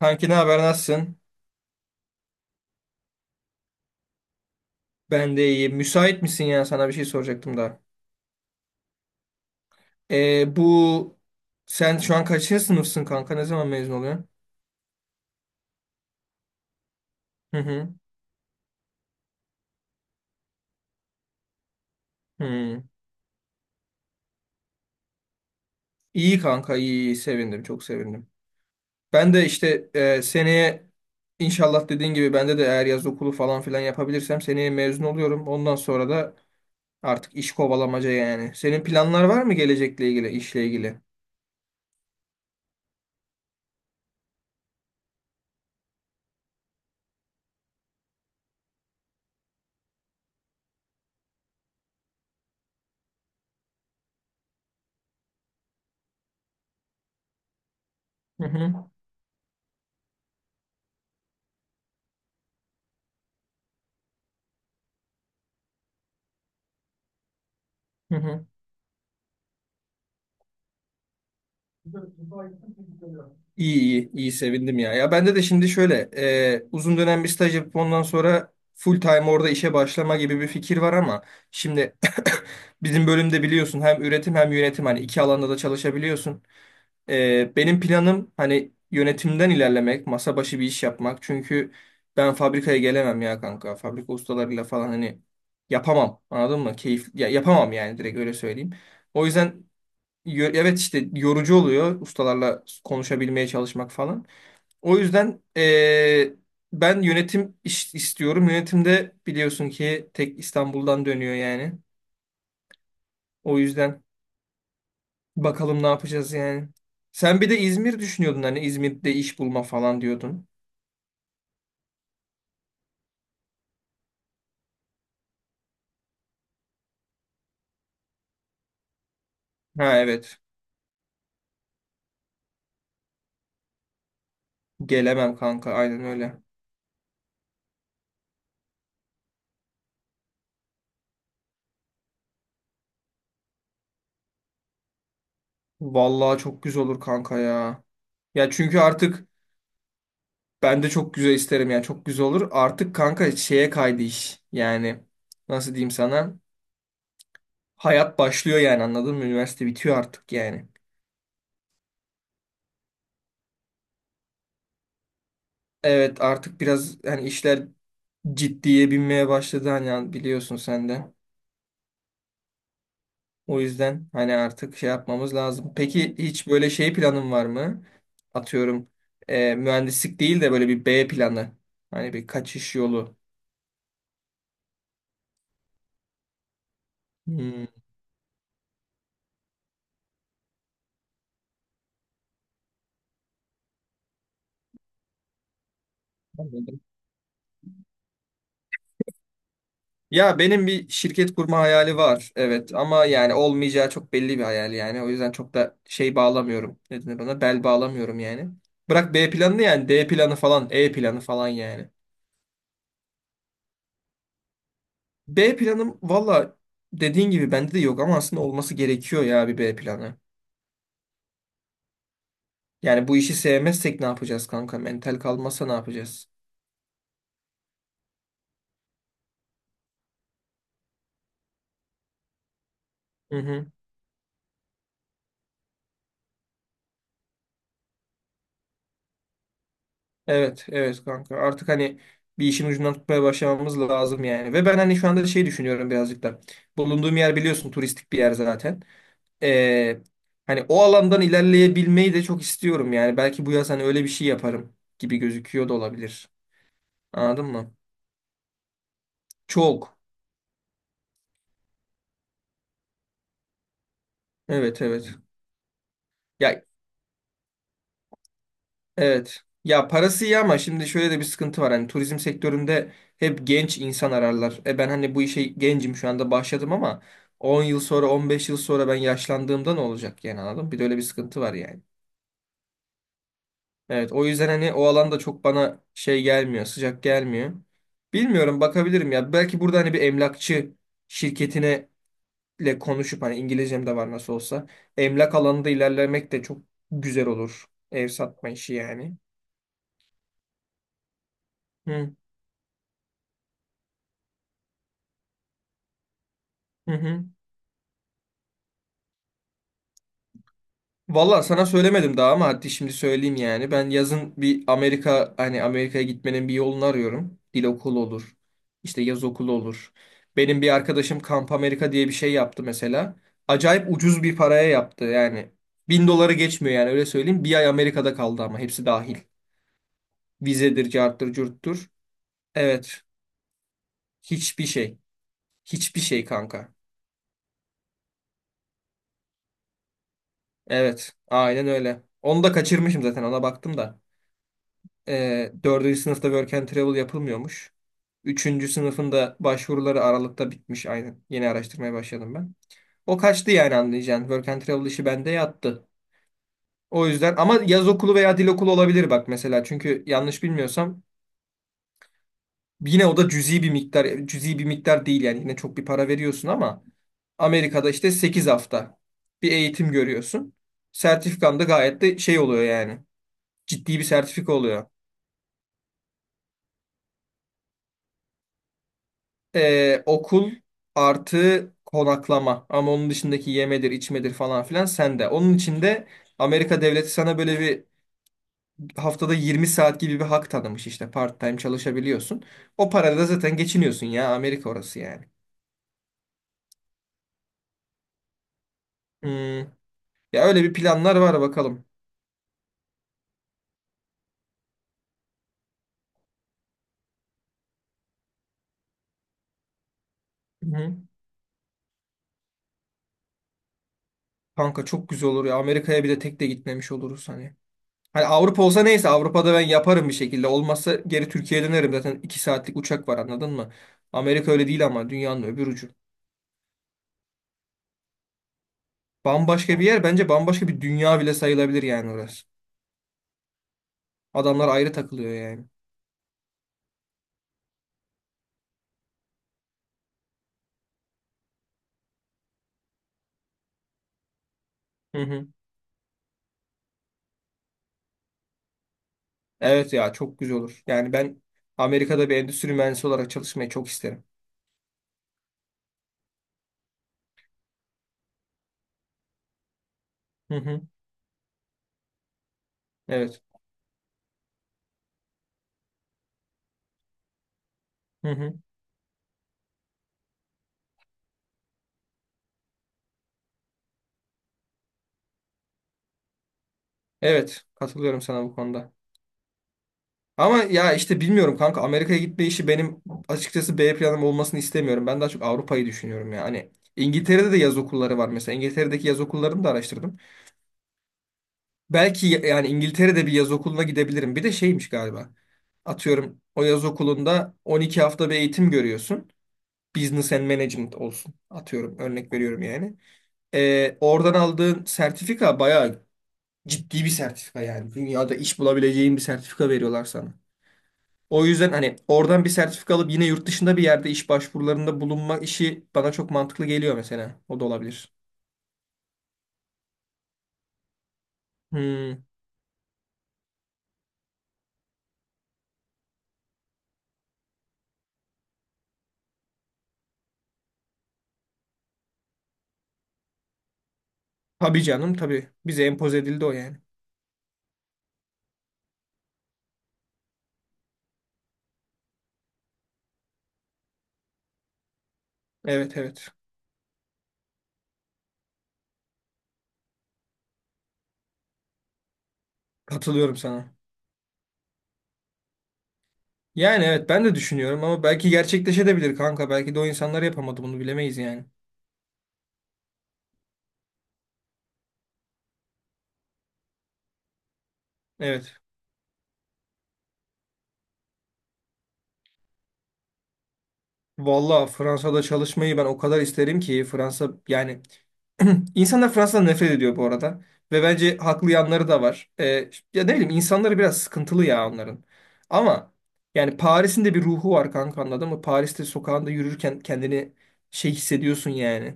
Kanki ne haber nasılsın? Ben de iyiyim. Müsait misin ya? Sana bir şey soracaktım da. Bu sen şu an kaçıncı sınıfsın kanka? Ne zaman mezun oluyorsun? Hı hı. Hı. İyi kanka, iyi, iyi. Sevindim, çok sevindim. Ben de işte seneye inşallah dediğin gibi bende de eğer yaz okulu falan filan yapabilirsem seneye mezun oluyorum. Ondan sonra da artık iş kovalamaca yani. Senin planlar var mı gelecekle ilgili, işle ilgili? Hı hı. Hı hı. İyi, iyi, iyi, sevindim ya. Ya bende de şimdi şöyle uzun dönem bir staj yapıp ondan sonra full time orada işe başlama gibi bir fikir var ama şimdi bizim bölümde biliyorsun hem üretim hem yönetim, hani iki alanda da çalışabiliyorsun. Benim planım hani yönetimden ilerlemek, masa başı bir iş yapmak. Çünkü ben fabrikaya gelemem ya kanka. Fabrika ustalarıyla falan hani yapamam. Anladın mı? Keyif ya, yapamam yani, direkt öyle söyleyeyim. O yüzden evet, işte yorucu oluyor ustalarla konuşabilmeye çalışmak falan. O yüzden ben yönetim iş istiyorum. Yönetimde biliyorsun ki tek İstanbul'dan dönüyor yani. O yüzden bakalım ne yapacağız yani. Sen bir de İzmir düşünüyordun, hani İzmir'de iş bulma falan diyordun. Ha, evet. Gelemem kanka, aynen öyle. Vallahi çok güzel olur kanka ya. Ya çünkü artık. Ben de çok güzel isterim yani, çok güzel olur. Artık kanka şeye kaydı iş. Yani nasıl diyeyim sana? Hayat başlıyor yani, anladın mı? Üniversite bitiyor artık yani. Evet, artık biraz hani işler ciddiye binmeye başladı, hani biliyorsun sen de. O yüzden hani artık şey yapmamız lazım. Peki hiç böyle şey planın var mı? Atıyorum mühendislik değil de böyle bir B planı. Hani bir kaçış yolu. Hmm. Ya, benim bir şirket kurma hayali var. Evet ama yani olmayacağı çok belli bir hayal yani. O yüzden çok da şey bağlamıyorum. Ne denir ona? Bel bağlamıyorum yani. Bırak B planını, yani D planı falan, E planı falan yani. B planım valla dediğin gibi bende de yok ama aslında olması gerekiyor ya bir B planı. Yani bu işi sevmezsek ne yapacağız kanka? Mental kalmazsa ne yapacağız? Hı hı. Evet, evet kanka. Artık hani bir işin ucundan tutmaya başlamamız lazım yani. Ve ben hani şu anda şey düşünüyorum birazcık da. Bulunduğum yer biliyorsun turistik bir yer zaten. Ee, hani o alandan ilerleyebilmeyi de çok istiyorum yani. Belki bu yaz hani öyle bir şey yaparım gibi gözüküyor da olabilir. Anladın mı? Çok. Evet, evet. Ya, evet. Ya, parası iyi ama şimdi şöyle de bir sıkıntı var. Hani turizm sektöründe hep genç insan ararlar. E, ben hani bu işe gencim şu anda başladım ama 10 yıl sonra, 15 yıl sonra, ben yaşlandığımda ne olacak yani, anladın mı? Bir de öyle bir sıkıntı var yani. Evet, o yüzden hani o alanda çok bana şey gelmiyor, sıcak gelmiyor. Bilmiyorum, bakabilirim ya. Belki burada hani bir emlakçı şirketine ile konuşup, hani İngilizcem de var nasıl olsa. Emlak alanında ilerlemek de çok güzel olur. Ev satma işi yani. Hı hı. Hı. Valla sana söylemedim daha ama hadi şimdi söyleyeyim yani. Ben yazın bir Amerika, hani Amerika'ya gitmenin bir yolunu arıyorum. Dil okulu olur. İşte yaz okulu olur. Benim bir arkadaşım Kamp Amerika diye bir şey yaptı mesela. Acayip ucuz bir paraya yaptı yani. 1000 doları geçmiyor yani, öyle söyleyeyim. Bir ay Amerika'da kaldı ama hepsi dahil. Vizedir, carttır, curttur. Evet. Hiçbir şey. Hiçbir şey kanka. Evet. Aynen öyle. Onu da kaçırmışım zaten, ona baktım da. Dördüncü sınıfta Work and Travel yapılmıyormuş. Üçüncü sınıfın da başvuruları Aralık'ta bitmiş aynen. Yeni araştırmaya başladım ben. O kaçtı yani, anlayacağın. Work and Travel işi bende yattı. O yüzden ama yaz okulu veya dil okulu olabilir bak mesela. Çünkü yanlış bilmiyorsam yine o da cüzi bir miktar. Cüzi bir miktar değil yani, yine çok bir para veriyorsun ama Amerika'da işte 8 hafta bir eğitim görüyorsun. Sertifikan da gayet de şey oluyor yani. Ciddi bir sertifika oluyor. Okul artı konaklama, ama onun dışındaki yemedir, içmedir falan filan sende. Onun için de Amerika devleti sana böyle bir haftada 20 saat gibi bir hak tanımış, işte part time çalışabiliyorsun. O parayla da zaten geçiniyorsun ya, Amerika orası yani. Hmm, Ya öyle bir planlar var, bakalım. Hı. Kanka çok güzel olur ya, Amerika'ya bir de tek de gitmemiş oluruz hani. Hani Avrupa olsa neyse, Avrupa'da ben yaparım bir şekilde. Olmazsa geri Türkiye'ye dönerim zaten, 2 saatlik uçak var, anladın mı? Amerika öyle değil ama, dünyanın öbür ucu. Bambaşka bir yer, bence bambaşka bir dünya bile sayılabilir yani orası. Adamlar ayrı takılıyor yani. Hı hı. Evet ya, çok güzel olur. Yani ben Amerika'da bir endüstri mühendisi olarak çalışmayı çok isterim. Hı hı. Evet. Hı hı. Evet, katılıyorum sana bu konuda. Ama ya işte bilmiyorum kanka, Amerika'ya gitme işi benim açıkçası B planım olmasını istemiyorum. Ben daha çok Avrupa'yı düşünüyorum ya. Hani İngiltere'de de yaz okulları var mesela. İngiltere'deki yaz okullarını da araştırdım. Belki yani İngiltere'de bir yaz okuluna gidebilirim. Bir de şeymiş galiba. Atıyorum o yaz okulunda 12 hafta bir eğitim görüyorsun. Business and Management olsun. Atıyorum, örnek veriyorum yani. Oradan aldığın sertifika bayağı ciddi bir sertifika yani. Dünyada iş bulabileceğin bir sertifika veriyorlar sana. O yüzden hani oradan bir sertifika alıp yine yurt dışında bir yerde iş başvurularında bulunma işi bana çok mantıklı geliyor mesela. O da olabilir. Hmm. Tabii canım, tabii. Bize empoze edildi o yani. Evet, evet. Katılıyorum sana. Yani evet, ben de düşünüyorum ama belki gerçekleşebilir kanka. Belki de o insanlar yapamadı bunu, bilemeyiz yani. Evet. Valla, Fransa'da çalışmayı ben o kadar isterim ki, Fransa yani. insanlar Fransa'dan nefret ediyor bu arada. Ve bence haklı yanları da var. Ya ne bileyim, insanları biraz sıkıntılı ya onların. Ama yani Paris'in de bir ruhu var kanka, anladın mı? Paris'te sokağında yürürken kendini şey hissediyorsun yani.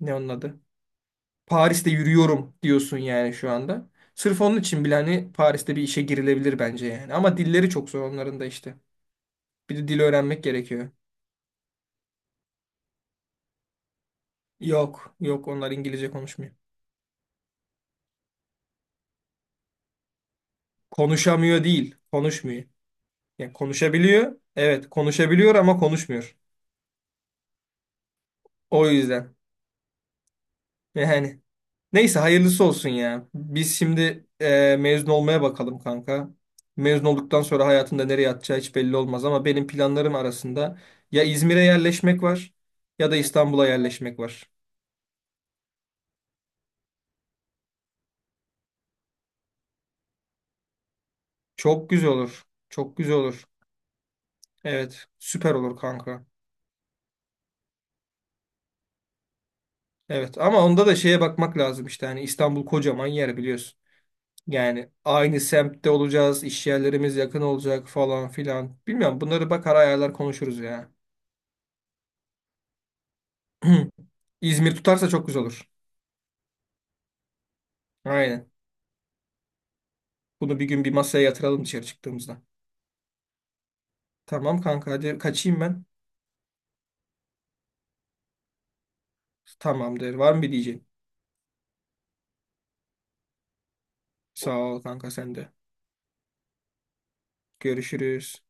Ne onun adı? Paris'te yürüyorum diyorsun yani şu anda. Sırf onun için bile hani Paris'te bir işe girilebilir bence yani. Ama dilleri çok zor onların da işte. Bir de dil öğrenmek gerekiyor. Yok, yok, onlar İngilizce konuşmuyor. Konuşamıyor değil, konuşmuyor. Yani konuşabiliyor, evet konuşabiliyor ama konuşmuyor. O yüzden yani. Neyse, hayırlısı olsun ya. Biz şimdi mezun olmaya bakalım kanka. Mezun olduktan sonra hayatında nereye atacağı hiç belli olmaz, ama benim planlarım arasında ya İzmir'e yerleşmek var, ya da İstanbul'a yerleşmek var. Çok güzel olur. Çok güzel olur. Evet, süper olur kanka. Evet ama onda da şeye bakmak lazım işte, hani İstanbul kocaman yer, biliyorsun. Yani aynı semtte olacağız, iş yerlerimiz yakın olacak falan filan. Bilmiyorum, bunları bakar ayarlar konuşuruz ya. İzmir tutarsa çok güzel olur. Aynen. Bunu bir gün bir masaya yatıralım dışarı çıktığımızda. Tamam kanka, hadi kaçayım ben. Tamam der. Var mı bir diyeceğin? Sağ ol kanka, sen de. Görüşürüz.